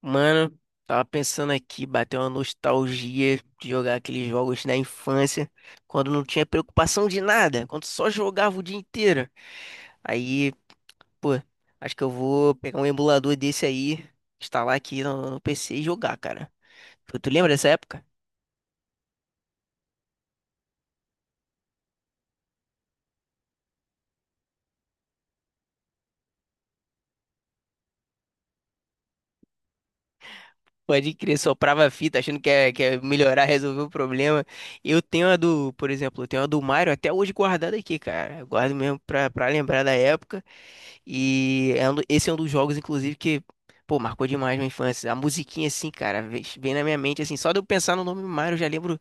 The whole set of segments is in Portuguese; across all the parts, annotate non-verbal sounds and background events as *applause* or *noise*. Mano, tava pensando aqui, bateu uma nostalgia de jogar aqueles jogos na infância, quando não tinha preocupação de nada, quando só jogava o dia inteiro. Aí, pô, acho que eu vou pegar um emulador desse aí, instalar aqui no PC e jogar, cara. Tu lembra dessa época? Pode crer, soprava a fita achando que ia melhorar, *laughs* resolver o problema. Eu tenho a do, por exemplo, eu tenho a do Mario até hoje guardada aqui, cara. Eu guardo mesmo pra lembrar da época. E é esse é um dos jogos, inclusive, que, pô, marcou demais minha infância. A musiquinha, assim, cara, vem na minha mente, assim, só de eu pensar no nome Mario, eu já lembro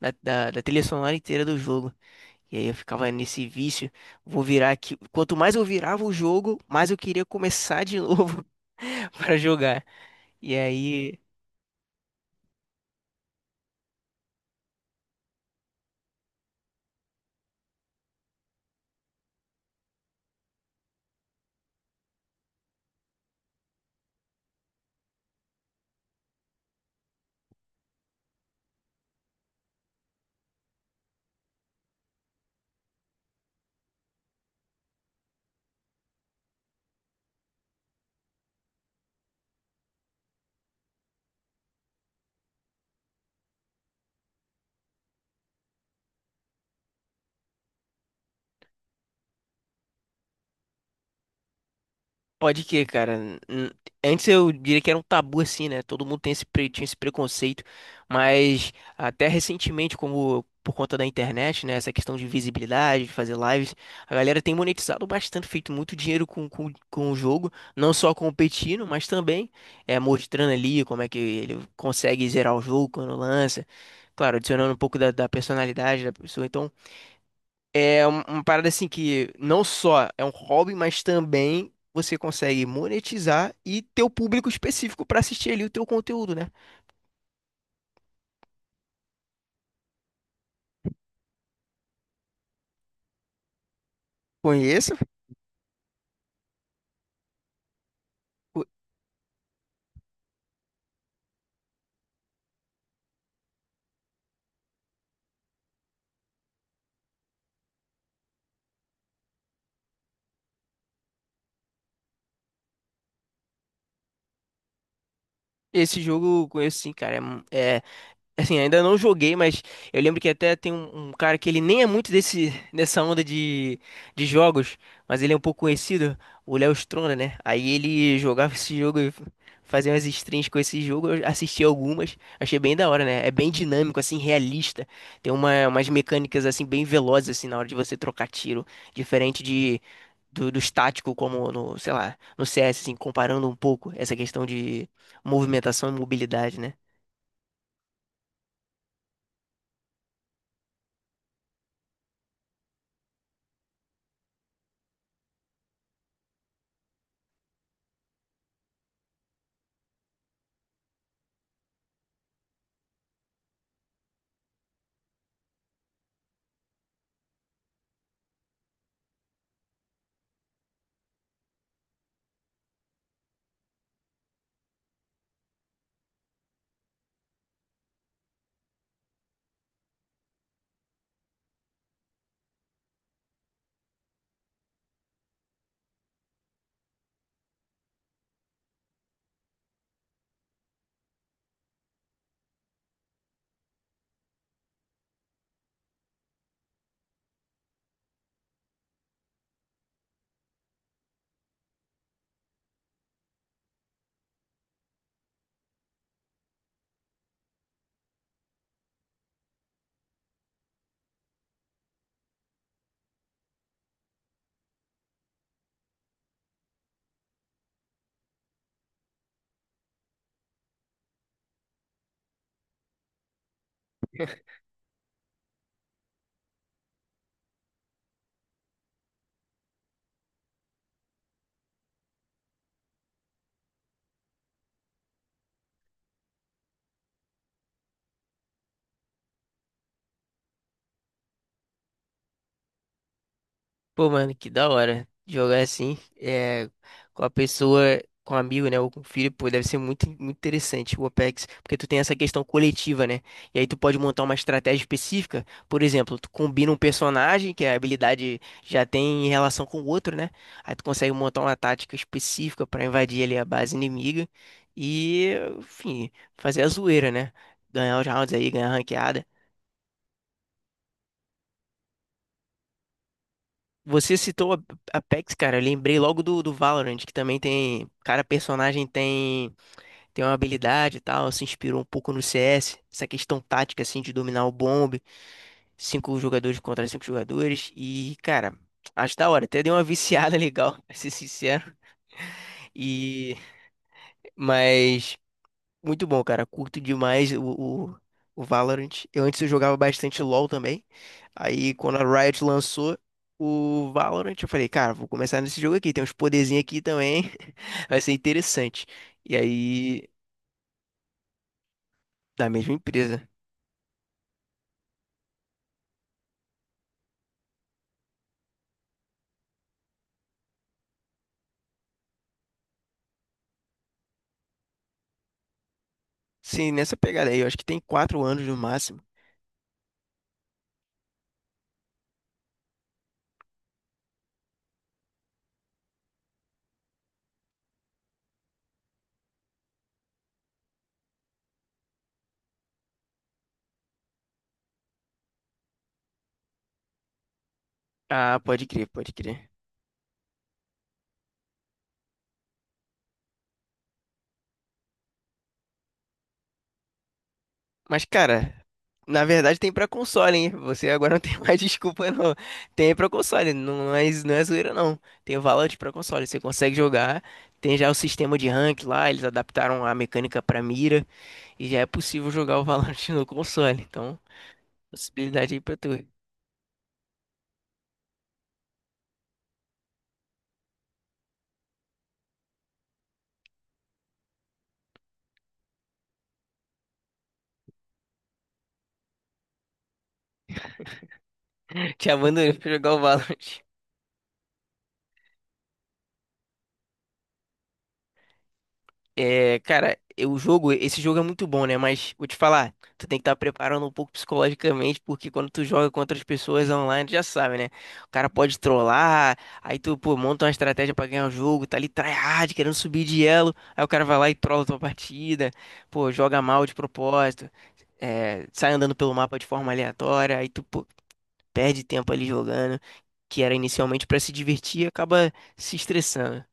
da trilha sonora inteira do jogo. E aí eu ficava nesse vício, vou virar aqui. Quanto mais eu virava o jogo, mais eu queria começar de *laughs* novo para jogar. E aí pode que, cara. N- Antes eu diria que era um tabu assim, né? Todo mundo tem esse, tinha esse preconceito, mas até recentemente, como por conta da internet, né? Essa questão de visibilidade, de fazer lives, a galera tem monetizado bastante, feito muito dinheiro com o jogo, não só competindo, mas também é, mostrando ali como é que ele consegue zerar o jogo quando lança. Claro, adicionando um pouco da personalidade da pessoa. Então, é uma parada assim que não só é um hobby, mas também você consegue monetizar e ter o público específico pra assistir ali o teu conteúdo, né? Conheço co- esse jogo, eu conheço sim, cara. Assim, ainda não joguei, mas eu lembro que até tem um cara que ele nem é muito desse, dessa onda de jogos, mas ele é um pouco conhecido, o Léo Stronda, né? Aí ele jogava esse jogo e fazia umas streams com esse jogo, eu assisti algumas, achei bem da hora, né? É bem dinâmico, assim, realista. Tem umas mecânicas, assim, bem velozes, assim, na hora de você trocar tiro, diferente dos táticos, como no, sei lá, no CS, assim, comparando um pouco essa questão de movimentação e mobilidade, né? Pô, mano, que da hora jogar assim, é, com a pessoa, com um amigo, né, ou com um filho, pô, deve ser muito, muito interessante o Apex, porque tu tem essa questão coletiva, né, e aí tu pode montar uma estratégia específica, por exemplo, tu combina um personagem que a habilidade já tem em relação com o outro, né, aí tu consegue montar uma tática específica pra invadir ali a base inimiga e, enfim, fazer a zoeira, né, ganhar os rounds aí, ganhar a ranqueada. Você citou a Apex, cara. Eu lembrei logo do Valorant, que também tem. Cada personagem tem uma habilidade e tal. Se inspirou um pouco no CS. Essa questão tática, assim, de dominar o bombe. Cinco jogadores contra cinco jogadores. E, cara, acho da hora. Até deu uma viciada legal, *laughs* pra ser sincero. E. Mas. Muito bom, cara. Curto demais o, o Valorant. Eu antes eu jogava bastante LoL também. Aí quando a Riot lançou o Valorant, eu falei, cara, vou começar nesse jogo aqui. Tem uns poderzinhos aqui também. *laughs* Vai ser interessante. E aí, da mesma empresa. Sim, nessa pegada aí, eu acho que tem 4 anos no máximo. Ah, pode crer, pode crer. Mas, cara, na verdade tem pra console, hein? Você agora não tem *laughs* mais desculpa, não. Tem pra console, não é zoeira, não. Tem o Valorant pra console, você consegue jogar. Tem já o sistema de rank lá, eles adaptaram a mecânica pra mira. E já é possível jogar o Valorant *laughs* no console. Então, possibilidade aí pra tu. *laughs* Te abandonei pra jogar o Valorant. O jogo, esse jogo é muito bom, né? Mas vou te falar, tu tem que estar preparando um pouco psicologicamente, porque quando tu joga com outras pessoas online, tu já sabe, né? O cara pode trollar, aí tu, pô, monta uma estratégia pra ganhar o jogo, tá ali tryhard, querendo subir de elo, aí o cara vai lá e trola tua partida, pô, joga mal de propósito, é, sai andando pelo mapa de forma aleatória, aí tu, pô, perde tempo ali jogando, que era inicialmente pra se divertir, e acaba se estressando.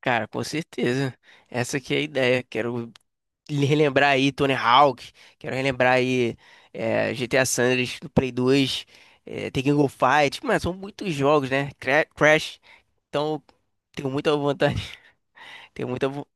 Cara, com certeza. Essa aqui é a ideia. Quero relembrar aí Tony Hawk, quero relembrar aí é, GTA San Andreas do Play 2, é, Tekken Go Fight. Mas são muitos jogos, né? Crash. Então, tenho muita vontade. *laughs* Tenho muita vo-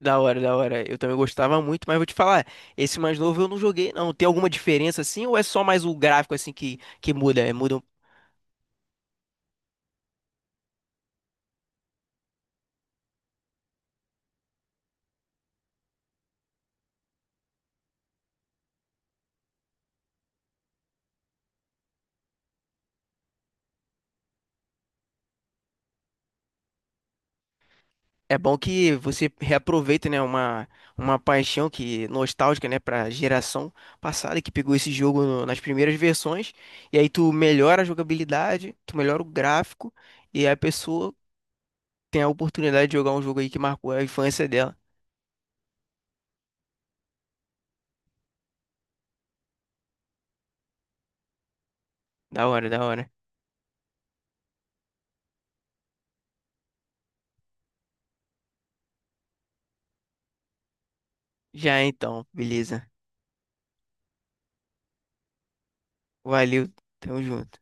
Da hora, da hora. Eu também gostava muito, mas vou te falar, esse mais novo eu não joguei, não. Tem alguma diferença assim ou é só mais o gráfico assim que muda? É, muda um. É bom que você reaproveita, né, uma paixão que nostálgica, né, para geração passada que pegou esse jogo nas primeiras versões, e aí tu melhora a jogabilidade, tu melhora o gráfico, e aí a pessoa tem a oportunidade de jogar um jogo aí que marcou a infância dela. Da hora, da hora. Já então, beleza. Valeu, tamo junto.